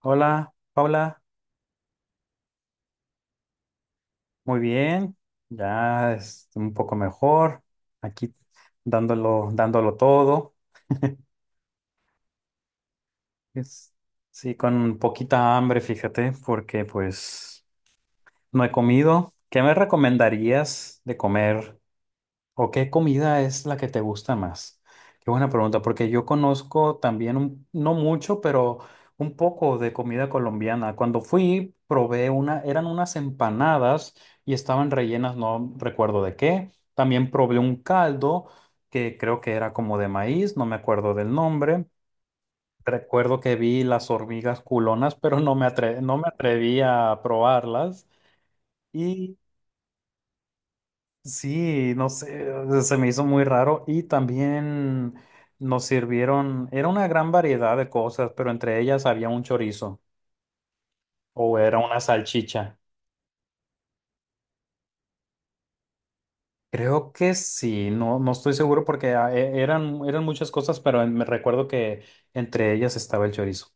Hola, Paula, muy bien, ya es un poco mejor, aquí dándolo, dándolo todo. Es, sí, con poquita hambre, fíjate, porque pues no he comido. ¿Qué me recomendarías de comer? ¿O qué comida es la que te gusta más? Qué buena pregunta, porque yo conozco también, no mucho, pero un poco de comida colombiana. Cuando fui, probé una, eran unas empanadas y estaban rellenas, no recuerdo de qué. También probé un caldo que creo que era como de maíz, no me acuerdo del nombre. Recuerdo que vi las hormigas culonas, pero no me atreví a probarlas. Sí, no sé, se me hizo muy raro y también nos sirvieron, era una gran variedad de cosas, pero entre ellas había un chorizo o era una salchicha. Creo que sí, no, no estoy seguro porque eran muchas cosas, pero me recuerdo que entre ellas estaba el chorizo.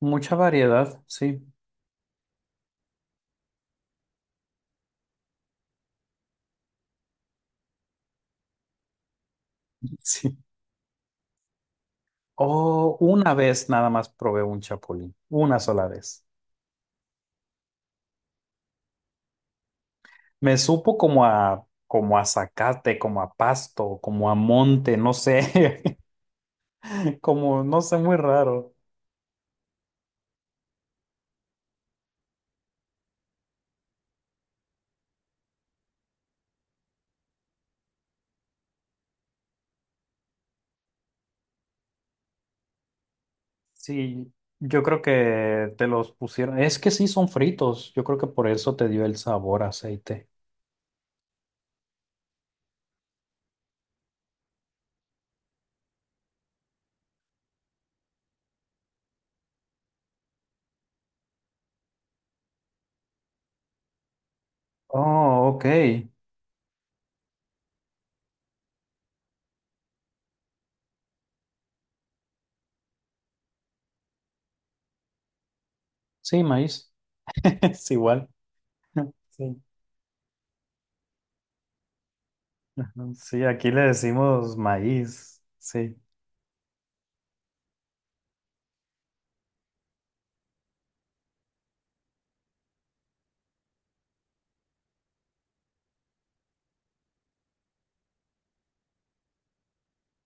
Mucha variedad, sí. Sí. O una vez nada más probé un chapulín, una sola vez. Me supo como a, como a zacate, como a pasto, como a monte, no sé, como, no sé, muy raro. Sí, yo creo que te los pusieron, es que sí son fritos, yo creo que por eso te dio el sabor a aceite. Oh, ok. Sí, maíz, es igual. Sí. Sí, aquí le decimos maíz, sí.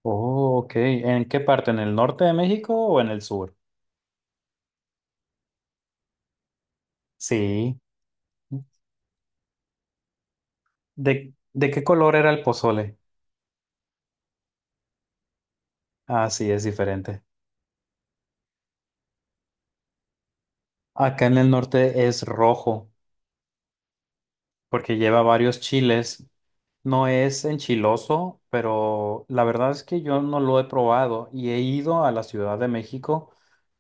Oh, ok. ¿En qué parte? ¿En el norte de México o en el sur? Sí. De qué color era el pozole? Ah, sí, es diferente. Acá en el norte es rojo porque lleva varios chiles. No es enchiloso, pero la verdad es que yo no lo he probado y he ido a la Ciudad de México,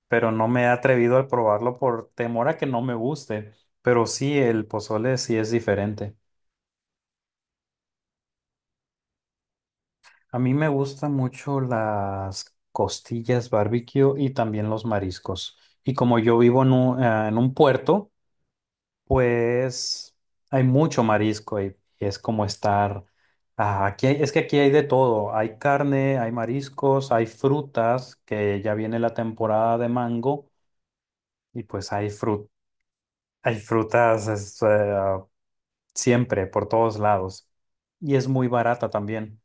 pero no me he atrevido a probarlo por temor a que no me guste. Pero sí, el pozole sí es diferente. A mí me gustan mucho las costillas barbecue y también los mariscos. Y como yo vivo en un puerto, pues hay mucho marisco y es como estar, ah, es que aquí hay de todo, hay carne, hay mariscos, hay frutas, que ya viene la temporada de mango y hay frutas es, siempre por todos lados y es muy barata también.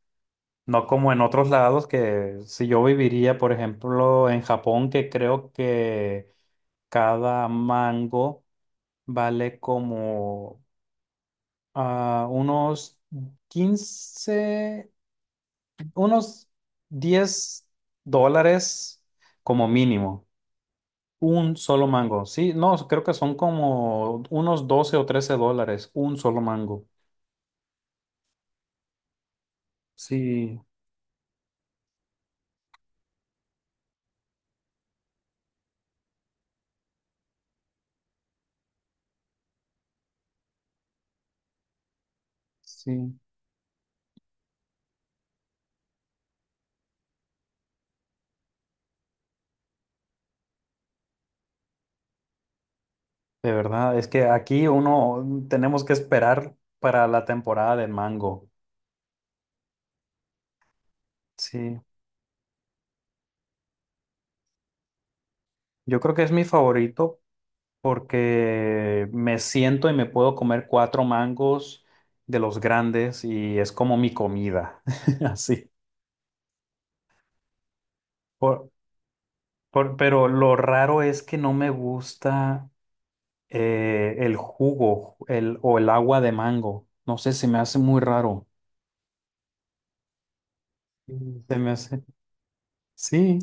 No como en otros lados que si yo viviría, por ejemplo, en Japón, que creo que cada mango vale como a unos 15, unos $10 como mínimo. Un solo mango. Sí, no, creo que son como unos 12 o $13. Un solo mango. Sí, sí. De verdad, es que aquí uno tenemos que esperar para la temporada de mango. Sí, yo creo que es mi favorito porque me siento y me puedo comer cuatro mangos de los grandes y es como mi comida, así. Por- pero lo raro es que no me gusta el jugo o el agua de mango. No sé, se me hace muy raro. Mm. Se me hace… Sí,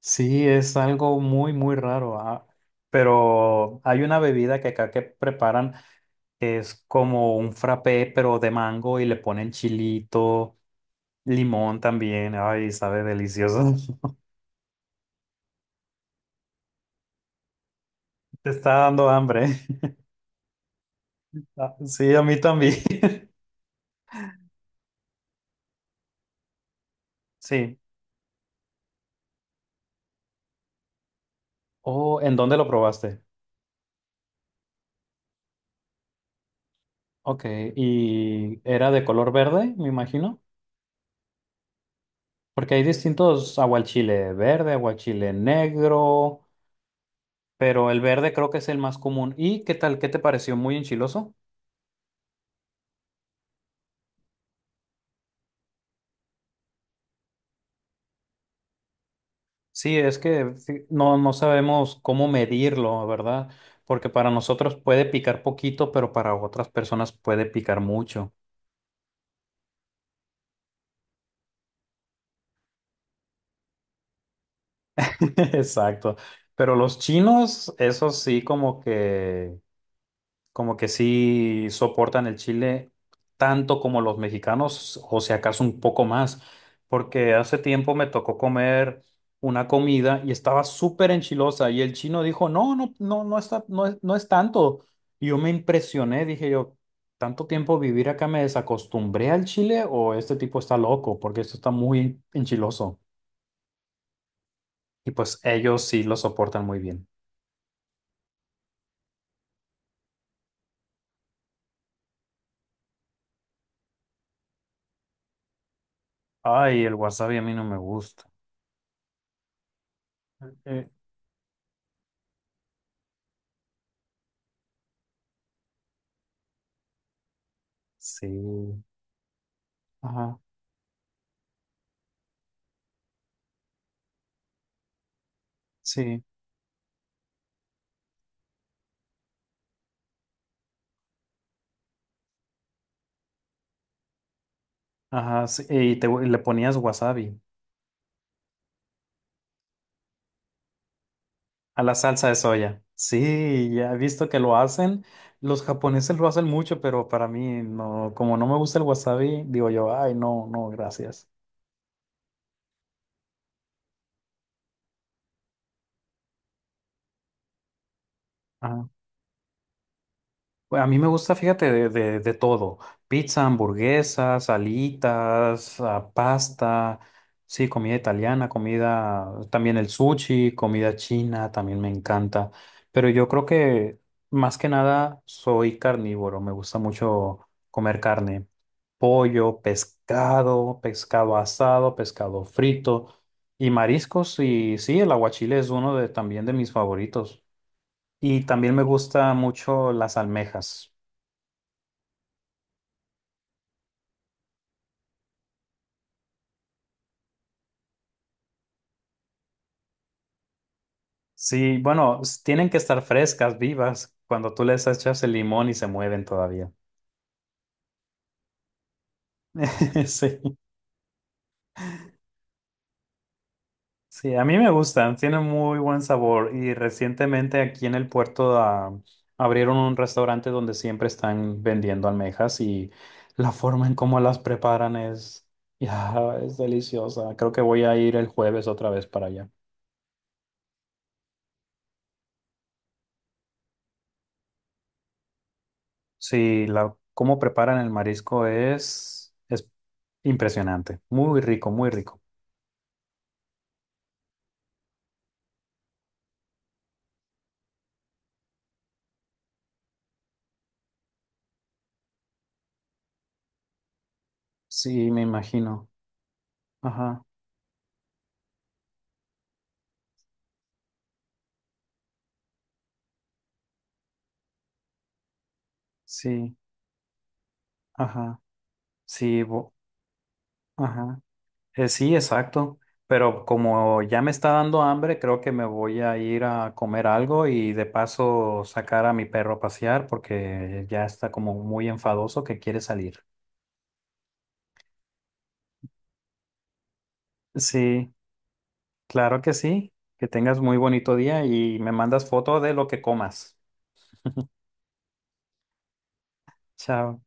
sí, es algo muy, muy raro. Ah. Pero hay una bebida que acá que preparan que es como un frappé, pero de mango y le ponen chilito. Limón también, ay, sabe delicioso. Te está dando hambre. Ah, sí, a mí también. Sí. Oh, ¿en dónde lo probaste? Ok, y era de color verde, me imagino, porque hay distintos aguachile verde, aguachile negro, pero el verde creo que es el más común. ¿Y qué tal? ¿Qué te pareció? ¿Muy enchiloso? Sí, es que sí, no, no sabemos cómo medirlo, ¿verdad? Porque para nosotros puede picar poquito, pero para otras personas puede picar mucho. Exacto. Pero los chinos, esos sí como que sí soportan el chile tanto como los mexicanos, o si acaso un poco más, porque hace tiempo me tocó comer una comida y estaba súper enchilosa y el chino dijo, no, no, no, no está, no es tanto. Y yo me impresioné, dije yo, ¿tanto tiempo vivir acá me desacostumbré al chile o este tipo está loco? Porque esto está muy enchiloso. Y pues ellos sí lo soportan muy bien. Ay, el wasabi a mí no me gusta. Eh, Sí. Ajá, sí. Ajá, sí. Y te, le ponías wasabi a la salsa de soya. Sí, ya he visto que lo hacen. Los japoneses lo hacen mucho, pero para mí no, como no me gusta el wasabi, digo yo, ay, no, no, gracias. Pues, a mí me gusta, fíjate, de todo. Pizza, hamburguesas, alitas, ah, pasta, sí, comida italiana, comida, también el sushi, comida china, también me encanta. Pero yo creo que más que nada soy carnívoro, me gusta mucho comer carne, pollo, pescado, pescado asado, pescado frito y mariscos. Y sí, el aguachile es uno de, también de mis favoritos. Y también me gusta mucho las almejas. Sí, bueno, tienen que estar frescas, vivas, cuando tú les echas el limón y se mueven todavía. Sí, sí, a mí me gustan, tienen muy buen sabor y recientemente aquí en el puerto abrieron un restaurante donde siempre están vendiendo almejas y la forma en cómo las preparan es, ya, es deliciosa. Creo que voy a ir el jueves otra vez para allá. Sí, la, cómo preparan el marisco es impresionante, muy rico, muy rico. Sí, me imagino. Ajá, sí, ajá, sí, ajá, sí, exacto. Pero como ya me está dando hambre, creo que me voy a ir a comer algo y de paso sacar a mi perro a pasear porque ya está como muy enfadoso que quiere salir. Sí, claro que sí. Que tengas muy bonito día y me mandas foto de lo que comas. Chao.